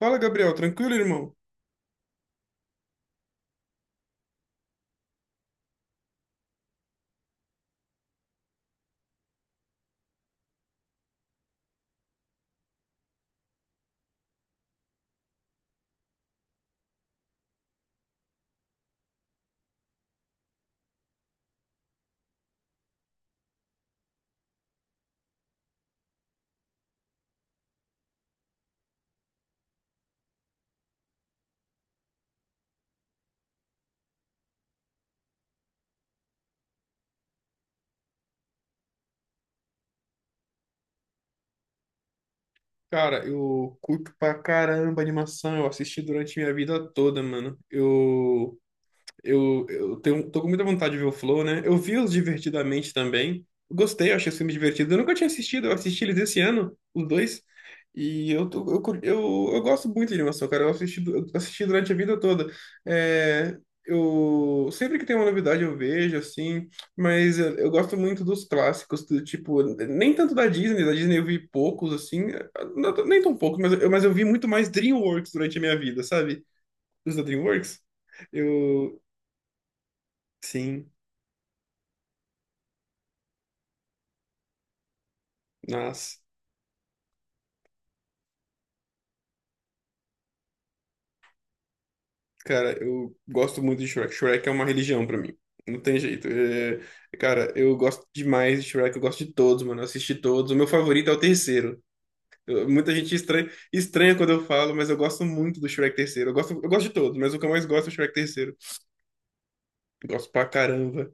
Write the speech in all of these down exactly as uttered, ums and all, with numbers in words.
Fala, Gabriel, tranquilo, irmão? Cara, eu curto pra caramba animação, eu assisti durante minha vida toda, mano. Eu Eu, eu tenho, tô com muita vontade de ver o Flow, né? Eu vi os Divertidamente também. Gostei, eu achei os filmes divertidos. Eu nunca tinha assistido, eu assisti eles esse ano, os dois. E eu, tô, eu, cur- eu, eu gosto muito de animação, cara. Eu assisti, eu assisti durante a vida toda. É, eu, Sempre que tem uma novidade eu vejo, assim. Mas eu, eu gosto muito dos clássicos, do tipo, nem tanto da Disney. Da Disney eu vi poucos, assim. Não- nem tão poucos, mas, eu- mas eu vi muito mais DreamWorks durante a minha vida, sabe? Os da DreamWorks. Eu, Sim, nossa. Cara, eu gosto muito de Shrek. Shrek é uma religião pra mim. Não tem jeito. É, Cara, eu gosto demais de Shrek. Eu gosto de todos, mano. Eu assisti todos. O meu favorito é o terceiro. Eu- muita gente estranha, estranha quando eu falo, mas eu gosto muito do Shrek terceiro. Eu gosto, eu gosto de todos, mas o que eu mais gosto é o Shrek terceiro. Eu gosto pra caramba.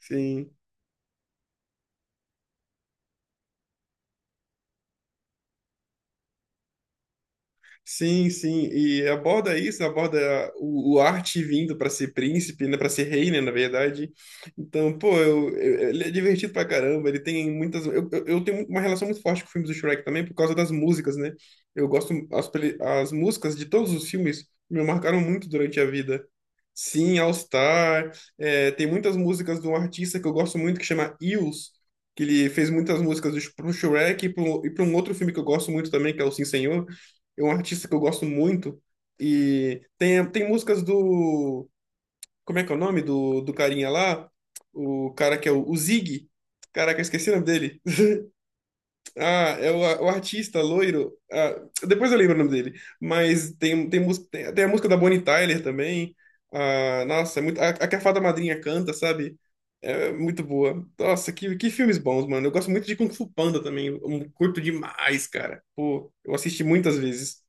Sim. Sim, sim, e aborda isso, aborda o, o arte vindo para ser príncipe, né, para ser rei, né, na verdade. Então, pô, eu, eu- ele é divertido pra caramba, ele tem muitas... Eu, eu, eu tenho uma relação muito forte com filmes do Shrek também por causa das músicas, né? Eu gosto... As, peli- as músicas de todos os filmes me marcaram muito durante a vida. Sim, All Star. É, tem muitas músicas de um artista que eu gosto muito que chama Eels, que ele fez muitas músicas do- pro Shrek e pro- e para um outro filme que eu gosto muito também, que é o Sim Senhor. É um artista que eu gosto muito. E tem, tem músicas do. Como é que é o nome do, do carinha lá? O cara que é o, o Ziggy. Caraca, eu esqueci o nome dele. Ah, é o, o artista loiro. Ah, depois eu lembro o nome dele. Mas tem, tem, mús- tem, tem a música da Bonnie Tyler também. Ah, nossa, é muito, a, a que a Fada Madrinha canta, sabe? É muito boa. Nossa, que, que filmes bons, mano. Eu gosto muito de Kung Fu Panda também. Eu curto demais, cara. Pô, eu assisti muitas vezes.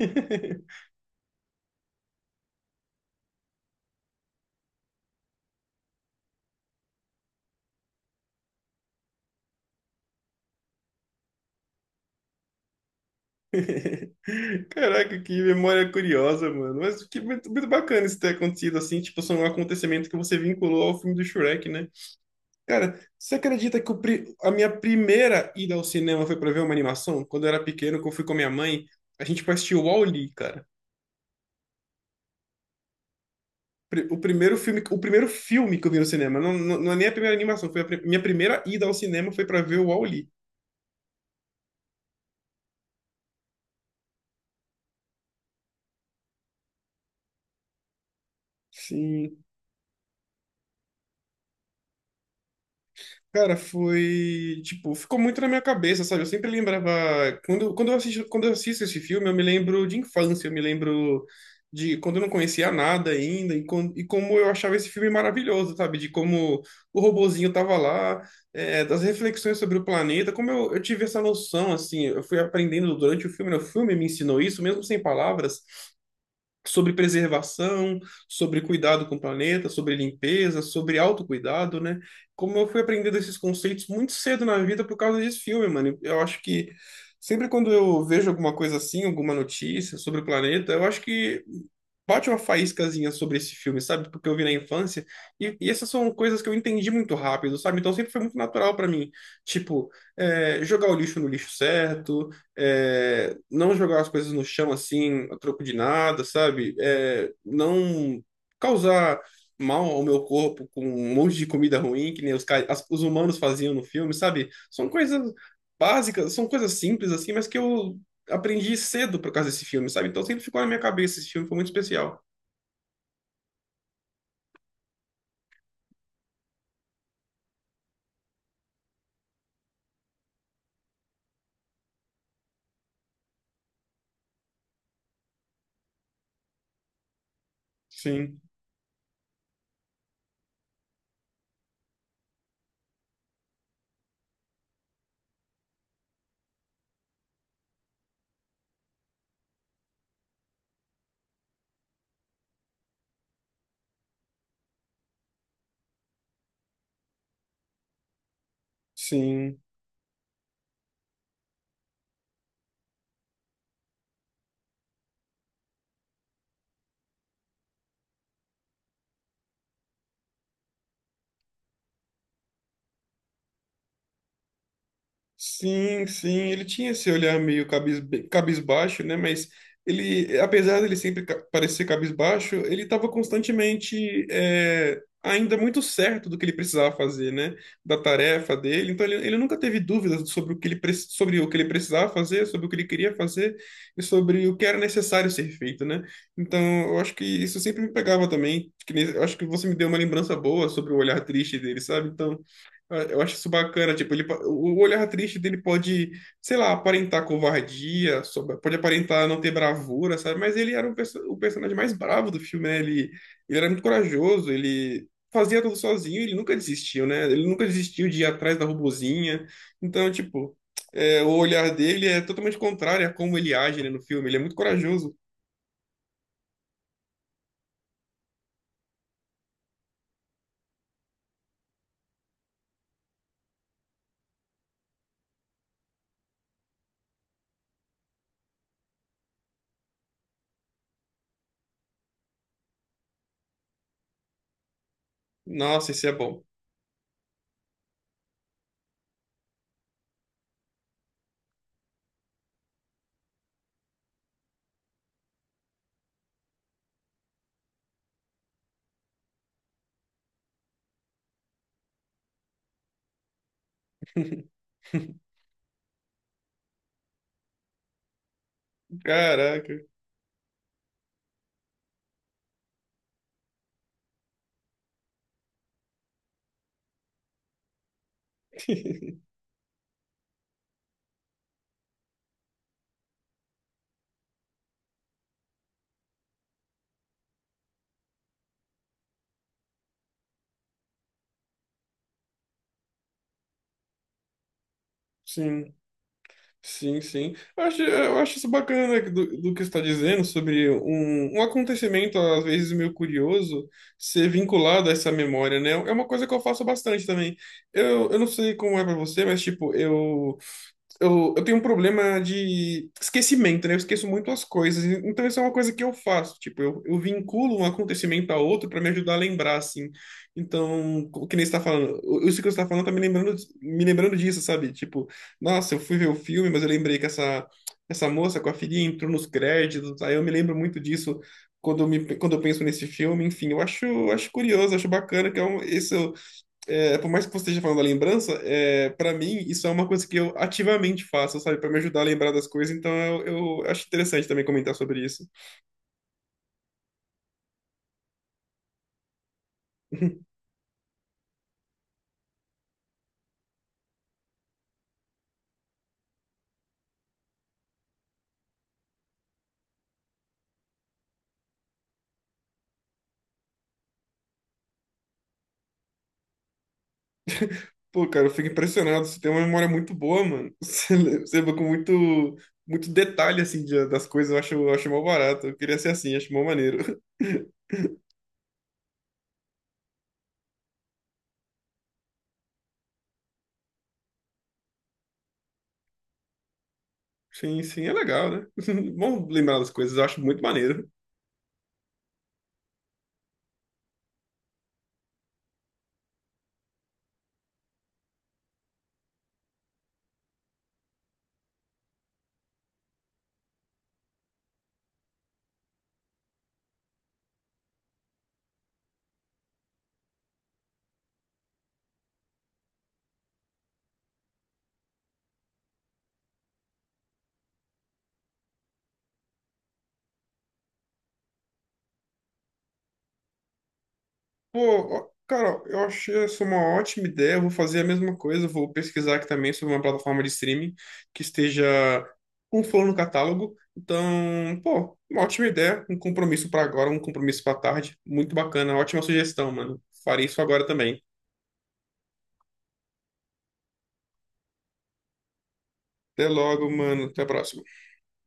Caraca, que memória curiosa, mano. Mas que muito, muito bacana isso ter acontecido assim. Tipo, são um acontecimento que você vinculou ao filme do Shrek, né? Cara, você acredita que o pri- a minha primeira ida ao cinema foi pra ver uma animação? Quando eu era pequeno, que eu fui com a minha mãe, a gente foi assistir o Wall-E, cara. Pri- O primeiro filme, o primeiro filme que eu vi no cinema, não, não, não é nem a primeira animação, foi a pri- minha primeira ida ao cinema foi pra ver o Wall-E. Sim. Cara, foi, tipo, ficou muito na minha cabeça, sabe? Eu sempre lembrava, quando, quando eu assisto, quando eu assisto esse filme, eu me lembro de infância, eu me lembro de quando eu não conhecia nada ainda e, com, e como eu achava esse filme maravilhoso, sabe? De como o robozinho tava lá, é, das reflexões sobre o planeta, como eu, eu tive essa noção, assim, eu fui aprendendo durante o filme, né? O filme me ensinou isso, mesmo sem palavras, sobre preservação, sobre cuidado com o planeta, sobre limpeza, sobre autocuidado, né? Como eu fui aprendendo esses conceitos muito cedo na vida por causa desse filme, mano. Eu acho que sempre quando eu vejo alguma coisa assim, alguma notícia sobre o planeta, eu acho que bate uma faíscazinha sobre esse filme, sabe? Porque eu vi na infância. E, e essas são coisas que eu entendi muito rápido, sabe? Então sempre foi muito natural para mim. Tipo, é, jogar o lixo no lixo certo, é, não jogar as coisas no chão assim, a troco de nada, sabe? É, não causar mal ao meu corpo com um monte de comida ruim, que nem os, ca- as- os humanos faziam no filme, sabe? São coisas básicas, são coisas simples assim, mas que eu aprendi cedo por causa desse filme, sabe? Então sempre ficou na minha cabeça, esse filme foi muito especial. Sim, sim. Sim, sim, ele tinha esse olhar meio cabis, cabisbaixo, né? Mas ele, apesar dele sempre ca- parecer cabisbaixo, ele estava constantemente é, ainda muito certo do que ele precisava fazer, né? Da tarefa dele. Então ele, ele nunca teve dúvidas sobre o que ele, pre- sobre o que ele precisava fazer, sobre o que ele queria fazer e sobre o que era necessário ser feito, né? Então eu acho que isso sempre me pegava também. Que nem- Eu acho que você me deu uma lembrança boa sobre o olhar triste dele, sabe? Então ah, eu acho isso bacana, tipo, ele, po- o olhar triste dele pode, sei lá, aparentar covardia, sob- pode aparentar não ter bravura, sabe? Mas ele era um perso- o personagem mais bravo do filme, né? Ele, ele era muito corajoso, ele fazia tudo sozinho, ele nunca desistiu, né? Ele nunca desistiu de ir atrás da robozinha. Então, tipo, é, o olhar dele é totalmente contrário a como ele age, né, no filme. Ele é muito corajoso. Nossa, isso é bom. Caraca. Sim. Sim, sim. Eu acho, eu acho isso bacana né, do, do que você está dizendo sobre um, um acontecimento, às vezes meio curioso, ser vinculado a essa memória, né? É uma coisa que eu faço bastante também. Eu, eu não sei como é para você, mas, tipo, eu eu, eu tenho um problema de esquecimento, né? Eu esqueço muito as coisas. Então, isso é uma coisa que eu faço. Tipo, eu, eu vinculo um acontecimento a outro para me ajudar a lembrar, assim. Então, o que nem você tá falando, o- isso que você tá falando tá me lembrando, me lembrando disso, sabe? Tipo, nossa, eu fui ver o filme, mas eu lembrei que essa, essa moça com a filhinha entrou nos créditos. Aí eu me lembro muito disso quando eu, me, quando eu penso nesse filme. Enfim, eu acho, acho curioso, acho bacana que é um, isso é, por mais que você esteja falando da lembrança, é, para mim isso é uma coisa que eu ativamente faço, sabe? Para me ajudar a lembrar das coisas, então eu, eu acho interessante também comentar sobre isso. Pô, cara, eu fico impressionado, você tem uma memória muito boa, mano. Você le- você lembra com muito, muito detalhe, assim, de- das coisas, eu acho, eu acho mó barato. Eu queria ser assim, acho mó maneiro. Sim, sim, é legal, né? Bom lembrar das coisas, eu acho muito maneiro. Pô, ó, cara, eu achei essa uma ótima ideia. Eu vou fazer a mesma coisa. Eu vou pesquisar aqui também sobre uma plataforma de streaming que esteja com flor no catálogo. Então, pô, uma ótima ideia. Um compromisso para agora, um compromisso para tarde. Muito bacana. Ótima sugestão, mano. Farei isso agora também. Até logo, mano. Até a próxima.